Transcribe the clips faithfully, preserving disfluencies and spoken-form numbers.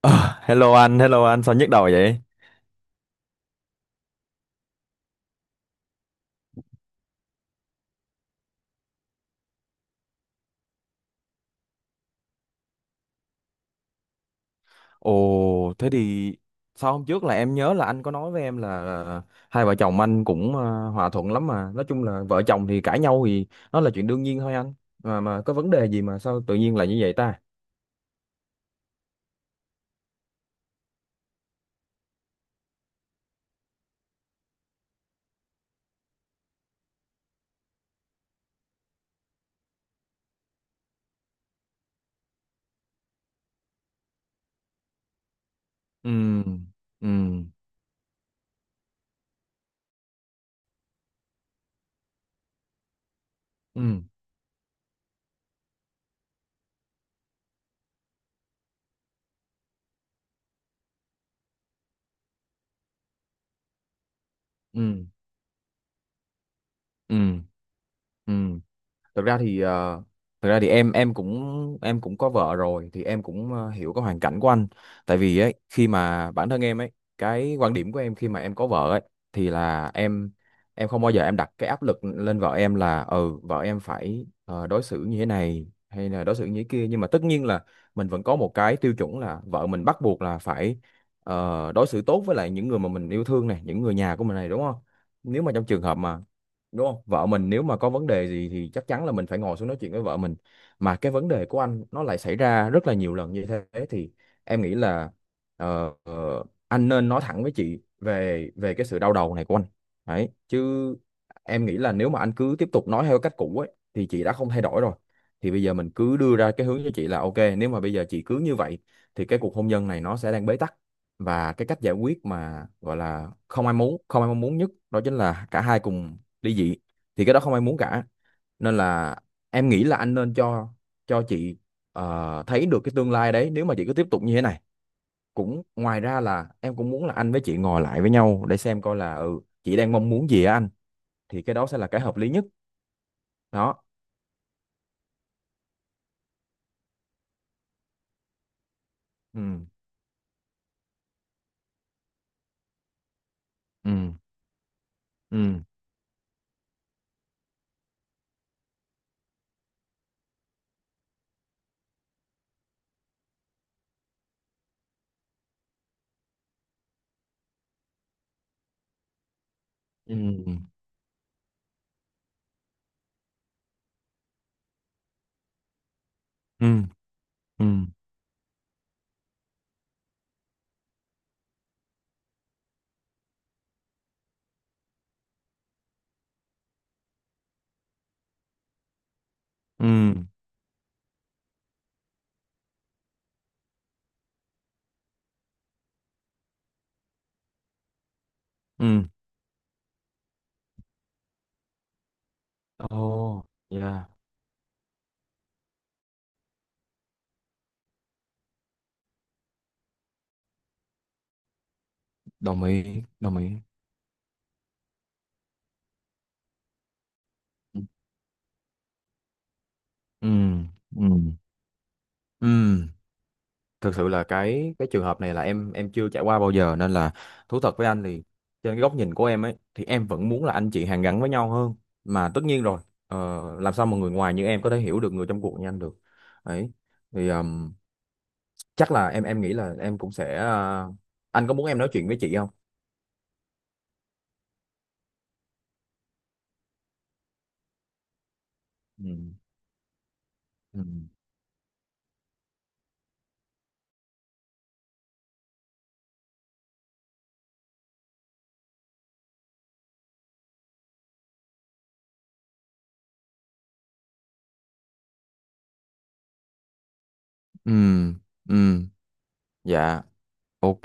Ờ, Hello anh, hello anh, sao nhức đầu vậy? Ồ, thế thì sao hôm trước là em nhớ là anh có nói với em là ờ, hai vợ chồng anh cũng ờ, hòa thuận lắm mà. Nói chung là vợ chồng thì cãi nhau thì nó là chuyện đương nhiên thôi anh. Mà mà có vấn đề gì mà sao tự nhiên lại như vậy ta? Ừ, ừ, ừ, ừ, ừ, ừ. thực ra thì ờ, Thực ra thì em em cũng em cũng có vợ rồi thì em cũng ờ, hiểu cái hoàn cảnh của anh. Tại vì ấy, khi mà bản thân em ấy, cái quan điểm của em khi mà em có vợ ấy thì là em em không bao giờ em đặt cái áp lực lên vợ em là ừ vợ em phải ờ, đối xử như thế này hay là đối xử như thế kia, nhưng mà tất nhiên là mình vẫn có một cái tiêu chuẩn là vợ mình bắt buộc là phải ờ, đối xử tốt với lại những người mà mình yêu thương này, những người nhà của mình này, đúng không? Nếu mà trong trường hợp mà, đúng không, vợ mình nếu mà có vấn đề gì thì chắc chắn là mình phải ngồi xuống nói chuyện với vợ mình. Mà cái vấn đề của anh nó lại xảy ra rất là nhiều lần như thế thì em nghĩ là ờ, ờ, anh nên nói thẳng với chị về về cái sự đau đầu này của anh đấy chứ. Em nghĩ là nếu mà anh cứ tiếp tục nói theo cách cũ ấy thì chị đã không thay đổi rồi, thì bây giờ mình cứ đưa ra cái hướng cho chị là ok, nếu mà bây giờ chị cứ như vậy thì cái cuộc hôn nhân này nó sẽ đang bế tắc, và cái cách giải quyết mà gọi là không ai muốn, không ai mong muốn nhất đó chính là cả hai cùng ly dị. Thì cái đó không ai muốn cả, nên là em nghĩ là anh nên cho cho chị ờ, thấy được cái tương lai đấy nếu mà chị cứ tiếp tục như thế này. Cũng ngoài ra là em cũng muốn là anh với chị ngồi lại với nhau để xem coi là ừ chị đang mong muốn gì á anh, thì cái đó sẽ là cái hợp lý nhất đó. Ừ. Ừ. Ừ. Ừ. Ừ. Ừ. Ừ. Ừ. Ồ. Dạ. Đồng ý, đồng ý. Ừ. Ừ. Ừ. Thực sự là cái cái trường hợp này là em em chưa trải qua bao giờ nên là thú thật với anh thì trên cái góc nhìn của em ấy thì em vẫn muốn là anh chị hàn gắn với nhau hơn, mà tất nhiên rồi, ờ, làm sao mà người ngoài như em có thể hiểu được người trong cuộc như anh được ấy, thì ừm, chắc là em em nghĩ là em cũng sẽ ờ, anh có muốn em nói chuyện với chị không? Ừ. Ừ. Ừ, ừ, dạ, ok.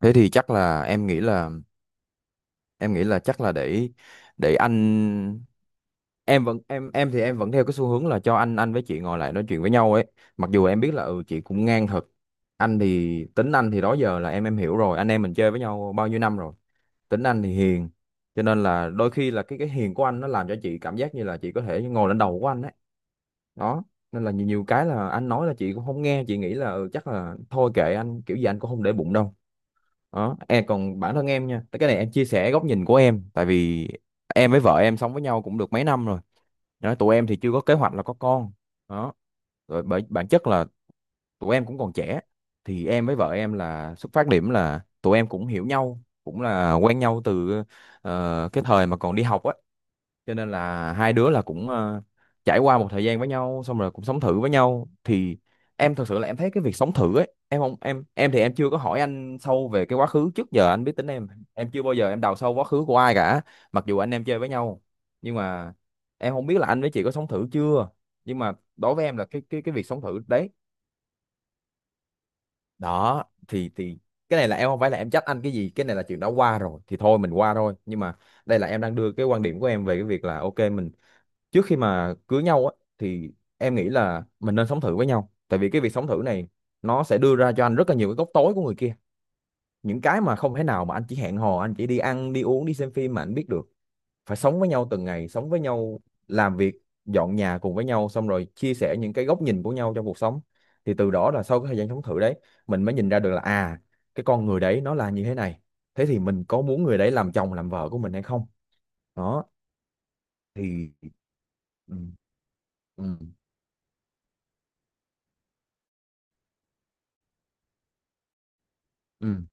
Thế thì chắc là em nghĩ là em nghĩ là chắc là để để anh, em vẫn em em thì em vẫn theo cái xu hướng là cho anh anh với chị ngồi lại nói chuyện với nhau ấy. Mặc dù em biết là ừ chị cũng ngang thật, anh thì tính anh thì đó giờ là em em hiểu rồi, anh em mình chơi với nhau bao nhiêu năm rồi. Tính anh thì hiền, cho nên là đôi khi là cái cái hiền của anh nó làm cho chị cảm giác như là chị có thể ngồi lên đầu của anh ấy đó, nên là nhiều, nhiều cái là anh nói là chị cũng không nghe, chị nghĩ là ừ, chắc là thôi kệ anh, kiểu gì anh cũng không để bụng đâu đó. Em còn bản thân em nha, cái này em chia sẻ góc nhìn của em, tại vì em với vợ em sống với nhau cũng được mấy năm rồi đó. Tụi em thì chưa có kế hoạch là có con đó, rồi bởi bản chất là tụi em cũng còn trẻ. Thì em với vợ em là xuất phát điểm là tụi em cũng hiểu nhau, cũng là quen nhau từ ờ, cái thời mà còn đi học á, cho nên là hai đứa là cũng ờ, trải qua một thời gian với nhau, xong rồi cũng sống thử với nhau thì em thật sự là em thấy cái việc sống thử ấy, em không em em thì em chưa có hỏi anh sâu về cái quá khứ, trước giờ anh biết tính em em chưa bao giờ em đào sâu quá khứ của ai cả, mặc dù anh em chơi với nhau. Nhưng mà em không biết là anh với chị có sống thử chưa, nhưng mà đối với em là cái cái cái việc sống thử đấy đó thì thì cái này là em không phải là em trách anh cái gì, cái này là chuyện đã qua rồi thì thôi mình qua thôi. Nhưng mà đây là em đang đưa cái quan điểm của em về cái việc là ok, mình trước khi mà cưới nhau á thì em nghĩ là mình nên sống thử với nhau, tại vì cái việc sống thử này nó sẽ đưa ra cho anh rất là nhiều cái góc tối của người kia, những cái mà không thể nào mà anh chỉ hẹn hò, anh chỉ đi ăn đi uống đi xem phim mà anh biết được. Phải sống với nhau từng ngày, sống với nhau, làm việc, dọn nhà cùng với nhau, xong rồi chia sẻ những cái góc nhìn của nhau trong cuộc sống, thì từ đó là sau cái thời gian sống thử đấy mình mới nhìn ra được là à, cái con người đấy nó là như thế này, thế thì mình có muốn người đấy làm chồng làm vợ của mình hay không đó. Thì ừ. Ừ. Ừ.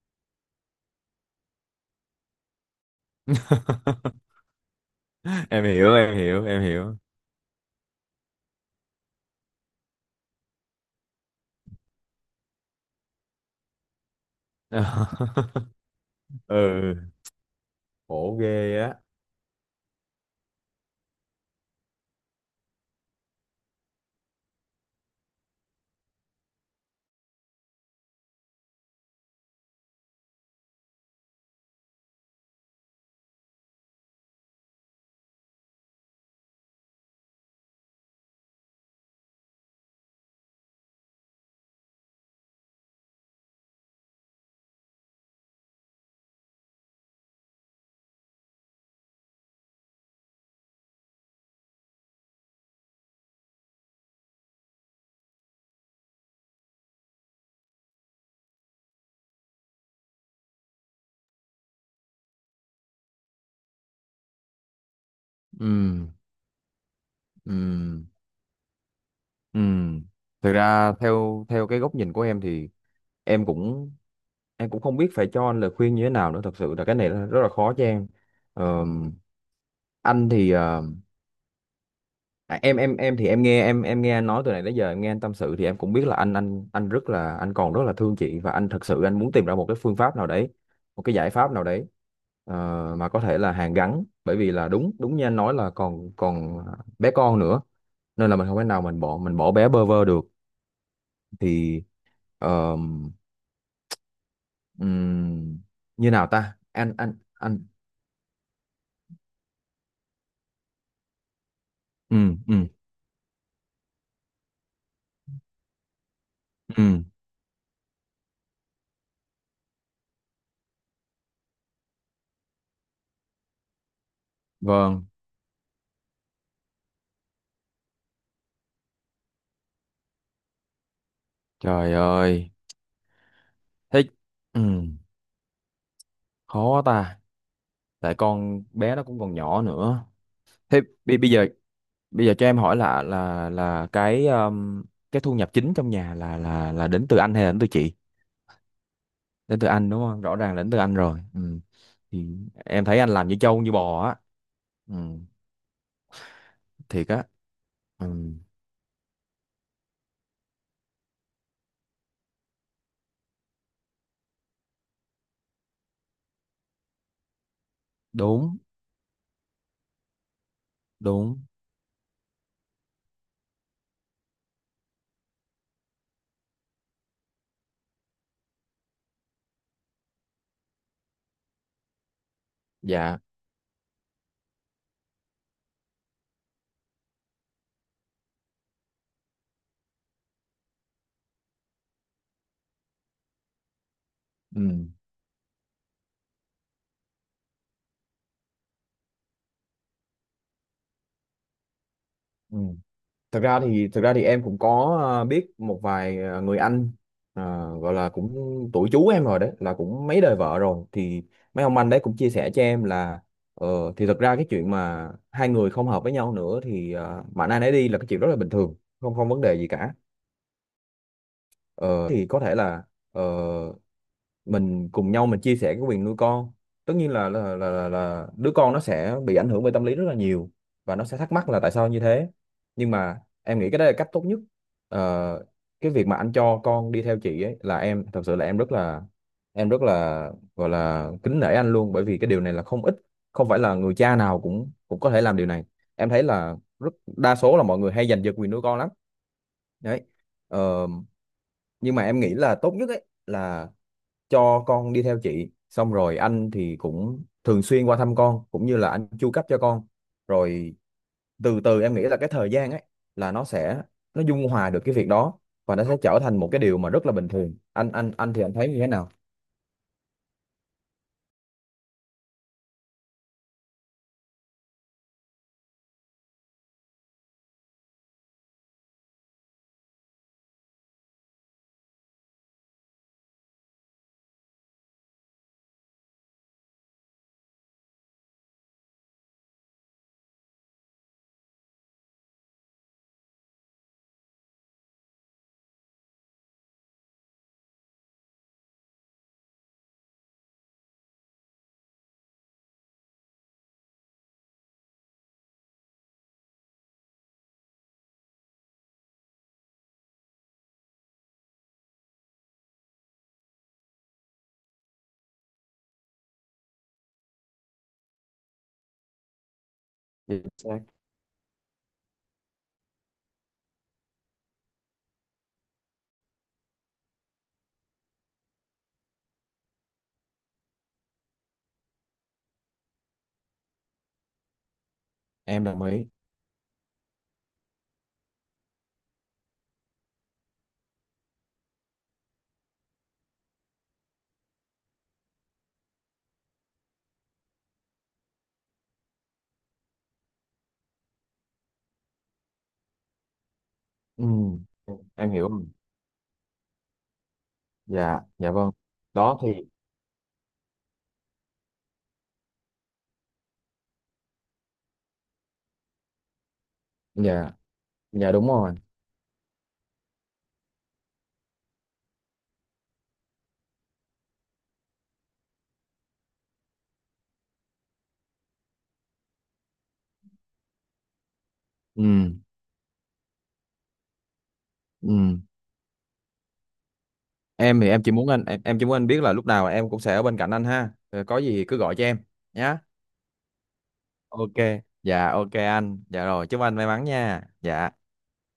Em hiểu, em hiểu, em hiểu. Ừ. Khổ ghê á. Ừ. Ừ. Ừ. Thực ra theo theo cái góc nhìn của em thì em cũng em cũng không biết phải cho anh lời khuyên như thế nào nữa, thật sự là cái này là rất là khó cho em. Ờm, anh thì ờ, à, em em em thì em nghe em em nghe anh nói từ này tới giờ, em nghe anh tâm sự thì em cũng biết là anh anh anh rất là, anh còn rất là thương chị, và anh thật sự anh muốn tìm ra một cái phương pháp nào đấy, một cái giải pháp nào đấy, ờ, mà có thể là hàn gắn, bởi vì là đúng, đúng như anh nói là còn còn bé con nữa, nên là mình không thể nào mình bỏ, mình bỏ bé bơ vơ được. Thì ờ, ừm, như nào ta anh, anh anh ừ. Ừ. Ừ. Vâng. Trời ơi. Thích. Ừ. Khó ta, tại con bé nó cũng còn nhỏ nữa. Thế bi bây giờ bây giờ cho em hỏi là là là cái um, cái thu nhập chính trong nhà là là là đến từ anh hay là đến từ chị? Đến từ anh đúng không? Rõ ràng là đến từ anh rồi, ừ. Thì em thấy anh làm như trâu như bò á. Ừ. Thiệt á. Ừ. Đúng, đúng. Dạ. Ừ. Ừ. Thực ra thì thực ra thì em cũng có ờ, biết một vài ờ, người anh ờ, gọi là cũng tuổi chú em rồi, đấy là cũng mấy đời vợ rồi, thì mấy ông anh đấy cũng chia sẻ cho em là ờ, thì thực ra cái chuyện mà hai người không hợp với nhau nữa thì uh, mạnh ai nấy đi là cái chuyện rất là bình thường, không, không vấn đề gì cả. Ờ, thì có thể là ờ, mình cùng nhau mình chia sẻ cái quyền nuôi con, tất nhiên là là, là là là đứa con nó sẽ bị ảnh hưởng về tâm lý rất là nhiều, và nó sẽ thắc mắc là tại sao như thế, nhưng mà em nghĩ cái đó là cách tốt nhất. Ờ, cái việc mà anh cho con đi theo chị ấy là em thật sự là em rất là, em rất là gọi là kính nể anh luôn, bởi vì cái điều này là không ít, không phải là người cha nào cũng cũng có thể làm điều này. Em thấy là rất đa số là mọi người hay giành giật quyền nuôi con lắm đấy. Ờ, nhưng mà em nghĩ là tốt nhất ấy là cho con đi theo chị, xong rồi anh thì cũng thường xuyên qua thăm con, cũng như là anh chu cấp cho con. Rồi từ từ em nghĩ là cái thời gian ấy là nó sẽ, nó dung hòa được cái việc đó, và nó sẽ trở thành một cái điều mà rất là bình thường. Anh anh anh thì anh thấy như thế nào? Chính xác. Em đồng ý. Ừ, em hiểu rồi. Dạ, dạ, vâng. Đó thì dạ, dạ, đúng rồi. Ừ. Ừ. Em thì em chỉ muốn anh, em, em chỉ muốn anh biết là lúc nào em cũng sẽ ở bên cạnh anh ha. Rồi có gì cứ gọi cho em nhá, ok. Dạ, ok anh, dạ rồi, chúc anh may mắn nha, dạ.